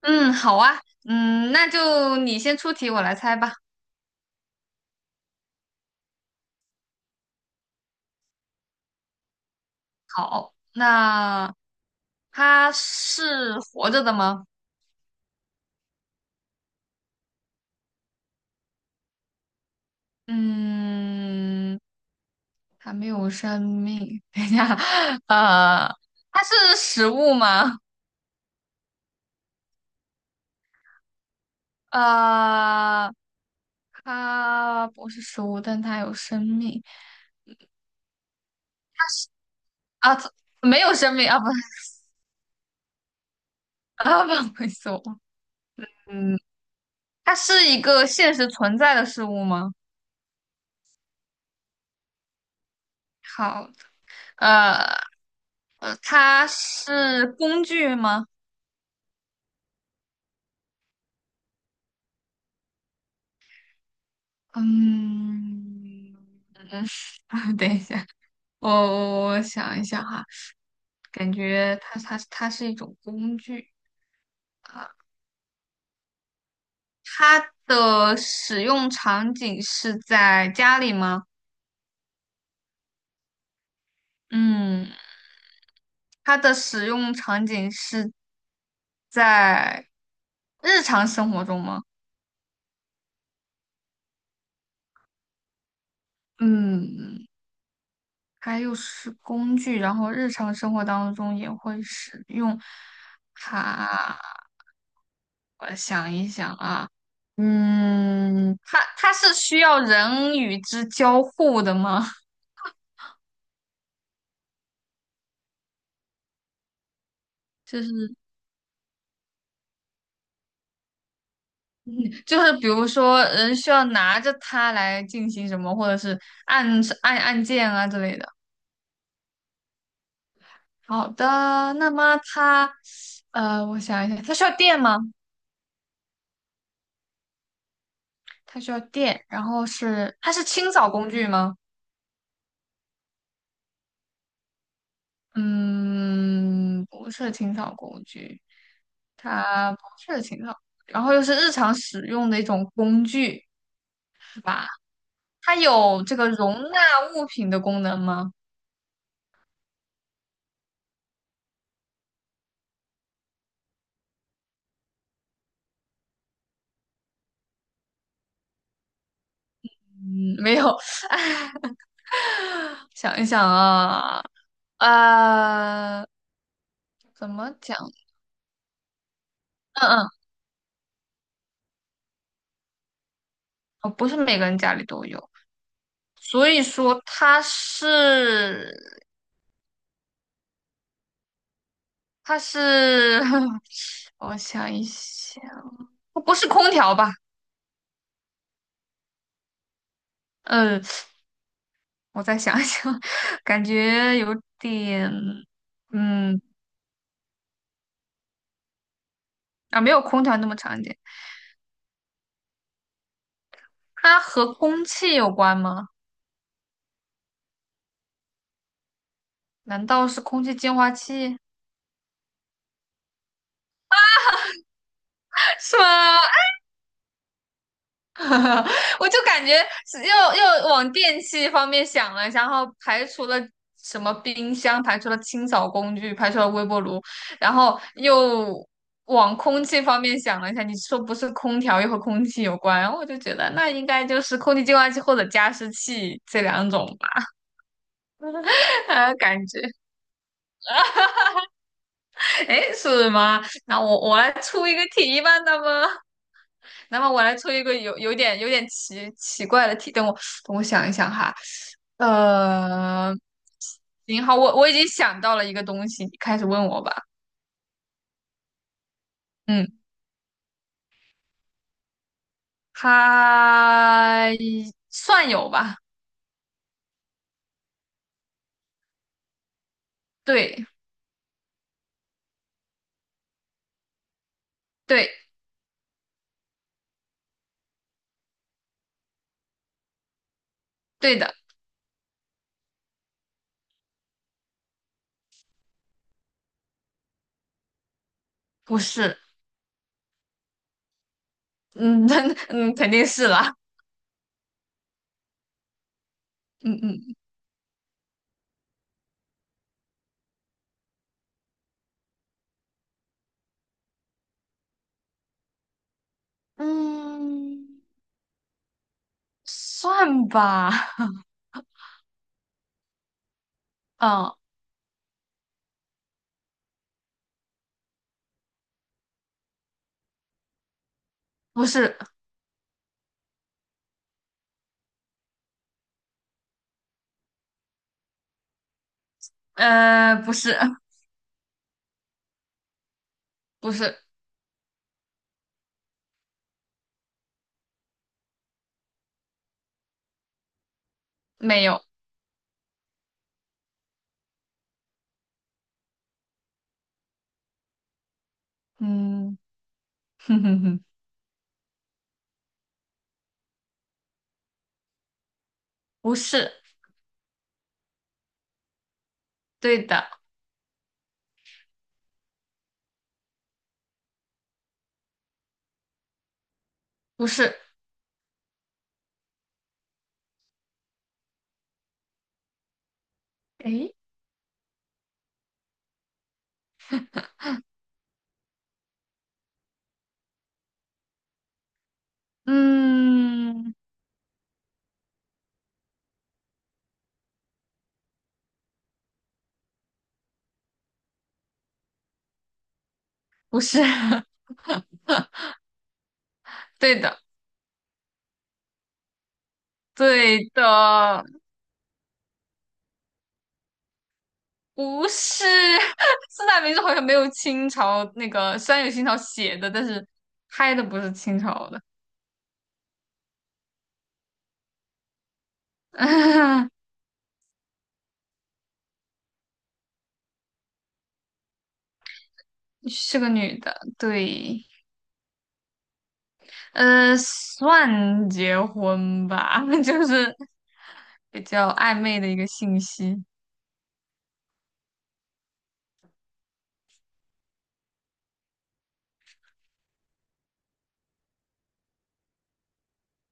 嗯，好啊，嗯，那就你先出题，我来猜吧。好，那它是活着的吗？嗯，它没有生命。等一下，呃，它是食物吗？呃，它不是食物，但它有生命啊，它没有生命啊，不，啊，不好意思，我，嗯，它是一个现实存在的事物吗？好，呃它是工具吗？嗯嗯，等一下，我想一下哈，感觉它是一种工具啊，它的使用场景是在家里吗？嗯，它的使用场景是在日常生活中吗？嗯，还有是工具，然后日常生活当中也会使用它。我想一想啊，嗯，它是需要人与之交互的吗？就是就是比如说，人需要拿着它来进行什么，或者是按按按键啊之类的。好的，那么它，我想一想，它需要电吗？它需要电，然后是它是清扫工具吗？嗯，不是清扫工具，它不是清扫，然后又是日常使用的一种工具，是吧？它有这个容纳物品的功能吗？嗯，没有。想一想啊，呃，怎么讲？嗯嗯，哦不是每个人家里都有，所以说它是，我想一想，不是空调吧？嗯。我再想一想，感觉有点，嗯，啊，没有空调那么常见。它和空气有关吗？难道是空气净化器？是吗？我就感觉是又往电器方面想了，然后排除了什么冰箱，排除了清扫工具，排除了微波炉，然后又往空气方面想了一下。你说不是空调又和空气有关，然后我就觉得那应该就是空气净化器或者加湿器这两种吧，感觉哎是吗？那我来出一个题吧，那么我来出一个有点奇怪的题，等我想一想哈。呃，行，好，我已经想到了一个东西，你开始问我吧。嗯，它算有吧？对，对，对的，不是，嗯，嗯，肯定是啦。嗯嗯嗯，算吧。嗯，不是，不是，不是，没有。嗯，哼哼哼，不是，对的，不是。诶，嗯，不是，对的。对的，不是。 四大名著，好像没有清朝那个，虽然有清朝写的，但是拍的不是清朝的，是个女的，对，算结婚吧，就是比较暧昧的一个信息，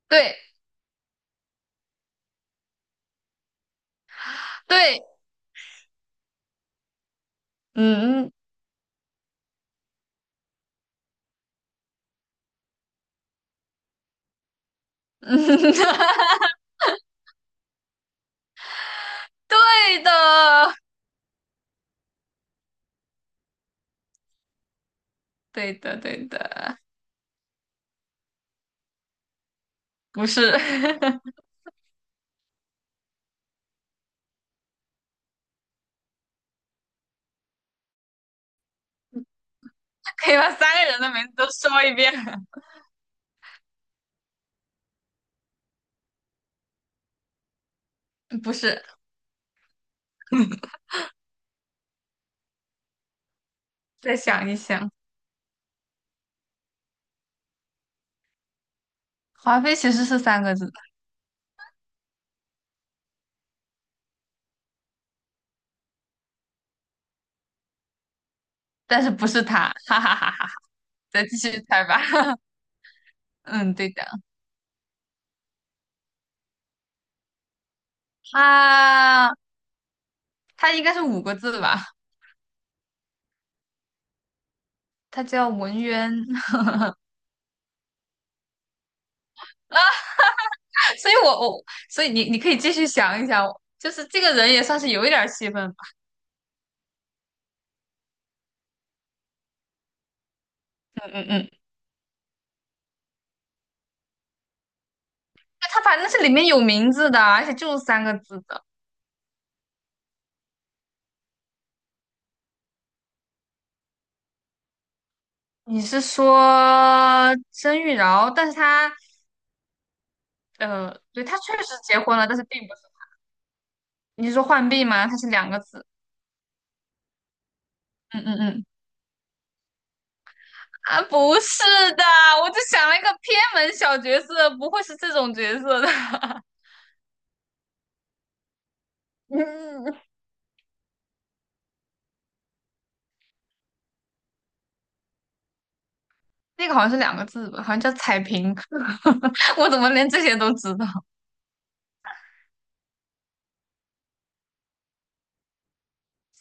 对对，嗯嗯，对的，对的对的，不是，可以把三个人的名字都说一遍，不是，再想一想。华妃其实是三个字的，但是不是他，哈哈哈哈！再继续猜吧。嗯，对的，他他应该是五个字吧？他叫文渊，所以我我所以你可以继续想一想，就是这个人也算是有一点儿戏份吧。嗯嗯嗯，他反正是里面有名字的，而且就是三个字的。你是说甄玉娆？但是他对，他确实结婚了，但是并不是。你是说浣碧吗？他是两个字。嗯嗯嗯。啊，不是的，我就想了一个偏门小角色，不会是这种角色的。嗯，那个好像是两个字吧，好像叫彩屏。我怎么连这些都知道？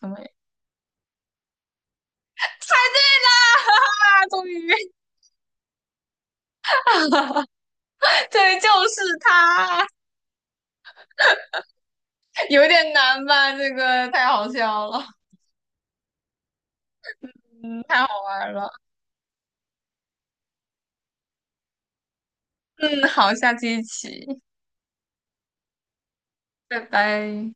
什么猜对啦！终于，对，就是他。有点难吧？这个太好笑了，嗯，太好玩了。嗯，好，下期一起，拜拜。